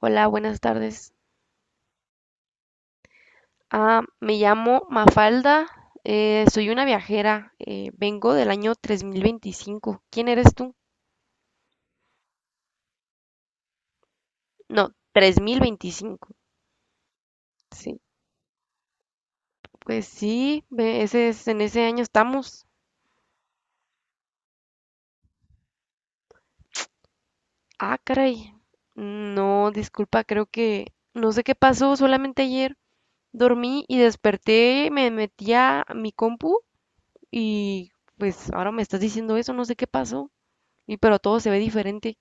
Hola, buenas tardes. Me llamo Mafalda, soy una viajera, vengo del año 3025. ¿Quién eres tú? No, 3025. Sí, pues sí, ese es, en ese año estamos. Ah, caray. No, disculpa, creo que no sé qué pasó, solamente ayer dormí y desperté, me metí a mi compu y pues ahora me estás diciendo eso, no sé qué pasó. Y pero todo se ve diferente.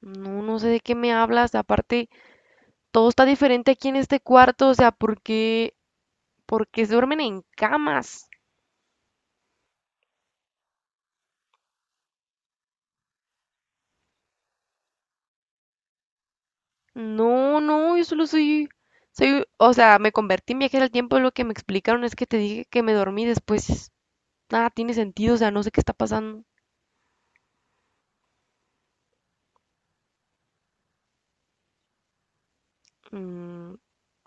No, no sé de qué me hablas. Aparte, todo está diferente aquí en este cuarto. O sea, ¿por qué se duermen en camas? No, no, soy, o sea, me convertí en viajera al tiempo. Lo que me explicaron es que te dije que me dormí después. Nada tiene sentido, o sea, no sé qué está pasando. Mm,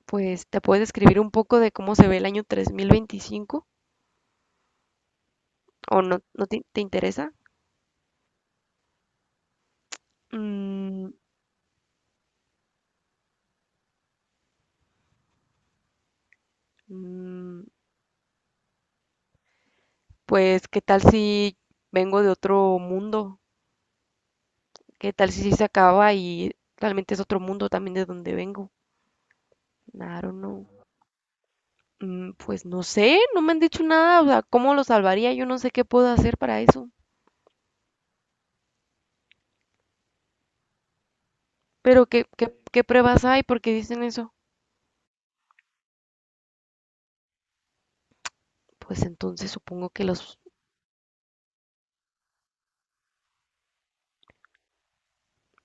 pues, ¿te puedes describir un poco de cómo se ve el año 3025? ¿O no, te interesa? Mm, mm, pues, ¿qué tal si vengo de otro mundo? ¿Qué tal si sí se acaba y realmente es otro mundo también de donde vengo? I don't know. Mm, pues no sé, no me han dicho nada, o sea, ¿cómo lo salvaría? Yo no sé qué puedo hacer para eso. Pero ¿qué pruebas hay? ¿Por qué dicen eso? Pues entonces supongo que los...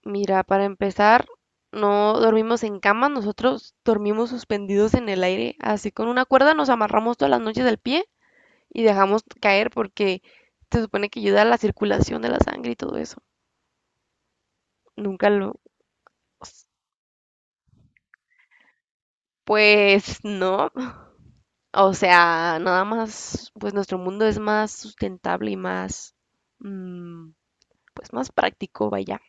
Mira, para empezar, no dormimos en cama, nosotros dormimos suspendidos en el aire, así con una cuerda nos amarramos todas las noches del pie y dejamos caer porque se supone que ayuda a la circulación de la sangre y todo eso. Nunca lo Pues no, o sea, nada más, pues nuestro mundo es más sustentable y más, mm, pues más práctico, vaya.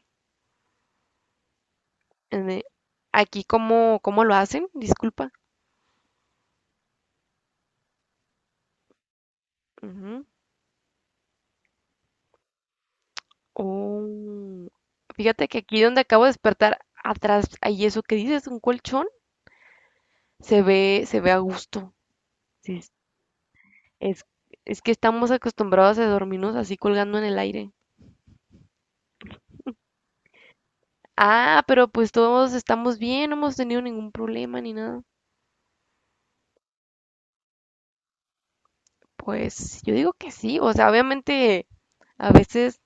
En e- Aquí, ¿cómo lo hacen? Disculpa. Ujú. Oh, fíjate que aquí donde acabo de despertar, atrás, hay eso que dices, un colchón, se ve a gusto. Sí, es, es es que estamos acostumbrados a dormirnos así colgando en el aire. Ah, pero pues todos estamos bien, no hemos tenido ningún problema ni nada. Pues yo digo que sí, o sea, obviamente a veces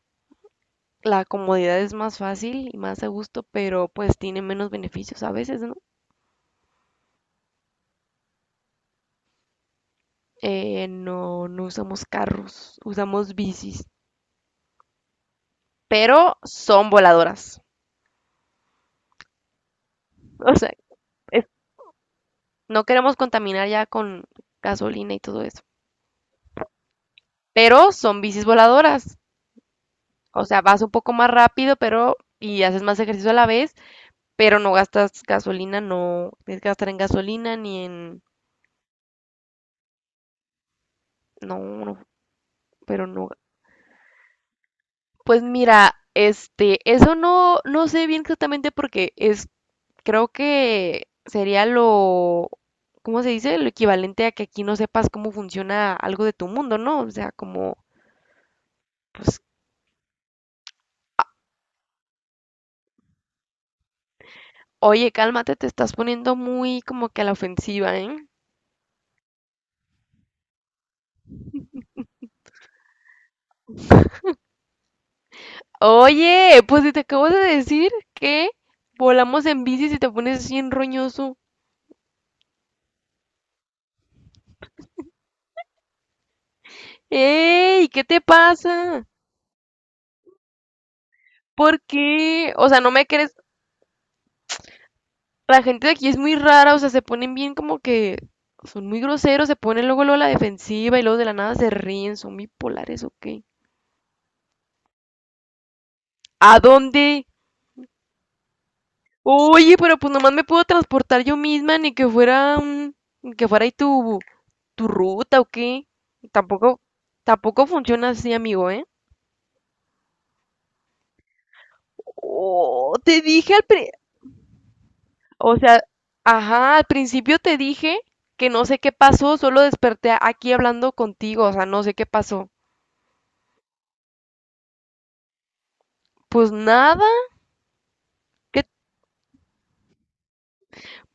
la comodidad es más fácil y más a gusto, pero pues tiene menos beneficios a veces, ¿no? No, no usamos carros, usamos bicis, pero son voladoras. O sea, es- no queremos contaminar ya con gasolina y todo eso, pero son bicis voladoras. O sea, vas un poco más rápido, pero y haces más ejercicio a la vez, pero no gastas gasolina, no tienes que gastar en gasolina ni en... No, no, pero no pues mira, este, eso no, no sé bien exactamente porque es, creo que sería lo, ¿cómo se dice? Lo equivalente a que aquí no sepas cómo funciona algo de tu mundo, ¿no? O sea, como, pues, oye, cálmate, te estás poniendo muy como que a la ofensiva, ¿eh? Oye, pues si te acabo de decir que volamos en bici y te pones así en roñoso. ¡Ey! ¿Qué te pasa? ¿Por qué? O sea, no me crees. La gente de aquí es muy rara, o sea, se ponen bien como que son muy groseros, se ponen luego, luego a la defensiva y luego de la nada se ríen, son bipolares o qué. ¿A dónde? Oye, pero pues nomás me puedo transportar yo misma, ni que fuera ahí tu ruta o qué. Tampoco, tampoco funciona así, amigo, ¿eh? Oh, te dije al pri- o sea, ajá, al principio te dije que no sé qué pasó, solo desperté aquí hablando contigo, o sea, no sé qué pasó. Pues nada, ¿qué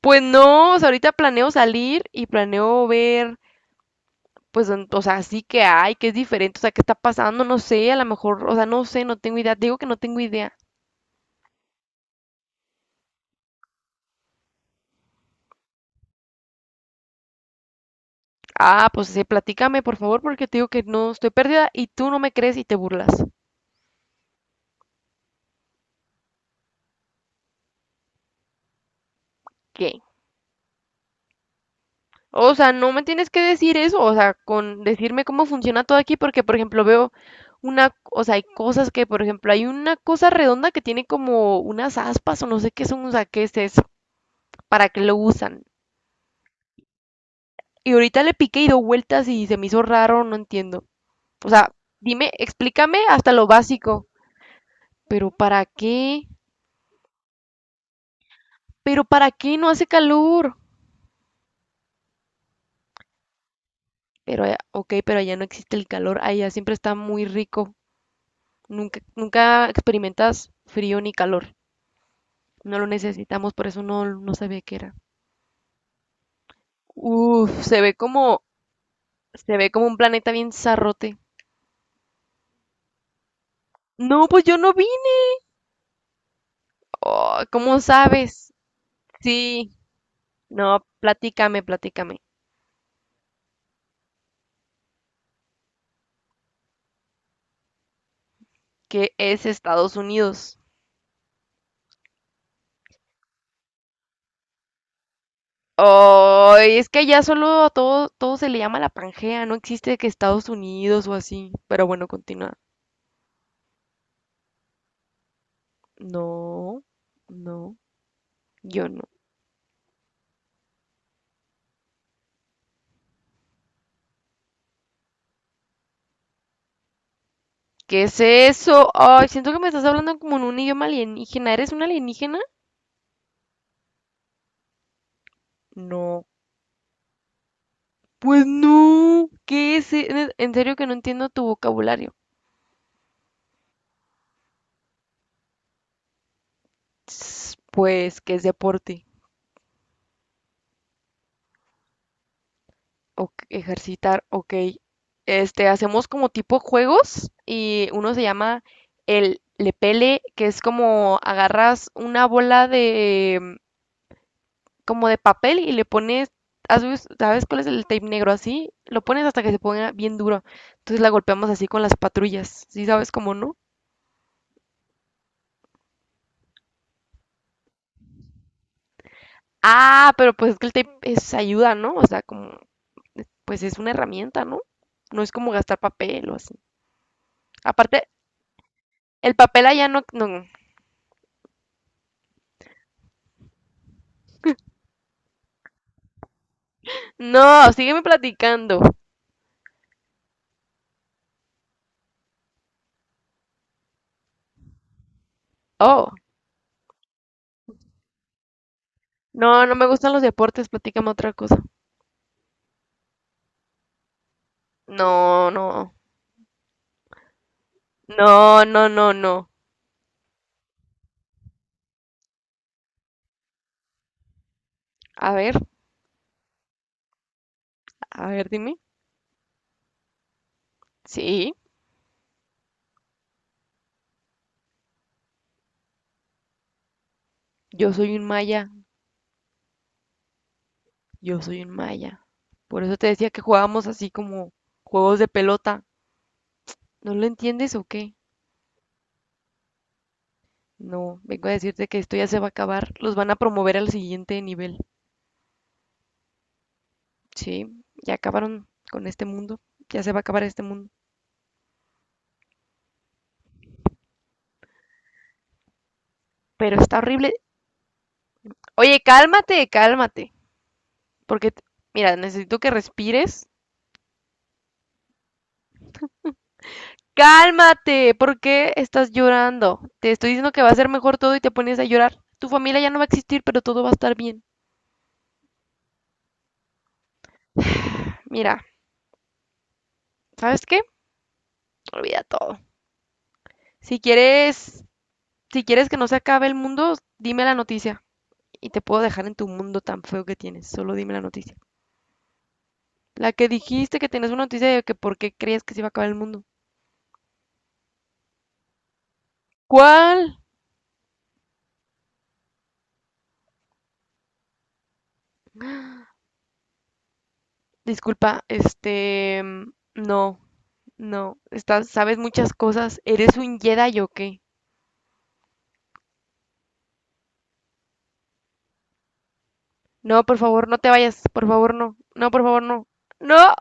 pues no, o sea, ahorita planeo salir y planeo ver, pues, o sea, sí que hay, que es diferente, o sea, qué está pasando, no sé, a lo mejor, o sea, no sé, no tengo idea, te digo que no tengo idea. Ah, pues sí, platícame, por favor, porque te digo que no estoy perdida y tú no me crees y te burlas. ¿Qué? O sea, no me tienes que decir eso, o sea, con decirme cómo funciona todo aquí, porque, por ejemplo, veo una, o sea, hay cosas que, por ejemplo, hay una cosa redonda que tiene como unas aspas o no sé qué son, o sea, ¿qué es eso? ¿Para qué lo usan? Y ahorita le piqué y dio vueltas y se me hizo raro, no entiendo. O sea, dime, explícame hasta lo básico. Pero ¿para qué? Pero ¿para qué no hace calor? Pero, ok, pero allá no existe el calor, allá siempre está muy rico. Nunca, nunca experimentas frío ni calor. No lo necesitamos, por eso no, no sabía qué era. Uf, se ve como un planeta bien zarrote. No, pues yo no vi. Oh, ¿cómo sabes? Sí, no, platícame, platícame. Que es Estados Unidos. Oh, es que allá solo a todo, todo se le llama la Pangea, no existe que Estados Unidos o así. Pero bueno, continúa. No, no, yo no. ¿Qué es eso? Ay, siento que me estás hablando como en un idioma alienígena. ¿Eres un alienígena? No. Pues no. ¿Qué es? En serio que no entiendo tu vocabulario. Pues que es deporte. O ejercitar, ok. Este, hacemos como tipo juegos y uno se llama el lepele, que es como agarras una bola de como de papel y le pones, ¿sabes cuál es el tape negro así? Lo pones hasta que se ponga bien duro. Entonces la golpeamos así con las patrullas, ¿sí sabes cómo no? Ah, pero pues es que el tape es ayuda, ¿no? O sea, como pues es una herramienta, ¿no? No es como gastar papel o así. Aparte, el papel allá no, no, No, sígueme platicando. Oh, no, no me gustan los deportes, platícame otra cosa. No, no, no, no, no, no. A ver, a ver, dime. Sí, yo soy un maya, yo soy un maya. Por eso te decía que jugábamos así como juegos de pelota. ¿No lo entiendes o qué? No, vengo a decirte que esto ya se va a acabar. Los van a promover al siguiente nivel. Sí, ya acabaron con este mundo. Ya se va a acabar este mundo. Pero está horrible. Oye, cálmate, cálmate. Porque, mira, necesito que respires. Cálmate, ¿por qué estás llorando? Te estoy diciendo que va a ser mejor todo y te pones a llorar. Tu familia ya no va a existir, pero todo va a estar bien. Mira, ¿sabes qué? Olvida todo. Si quieres, si quieres que no se acabe el mundo, dime la noticia y te puedo dejar en tu mundo tan feo que tienes. Solo dime la noticia. La que dijiste que tenías una noticia de que por qué creías que se iba a acabar el mundo. ¿Cuál? Disculpa, este, no, estás, sabes muchas cosas. ¿Eres un Jedi o qué? No, por favor, no te vayas. Por favor, no. No, por favor, no. No.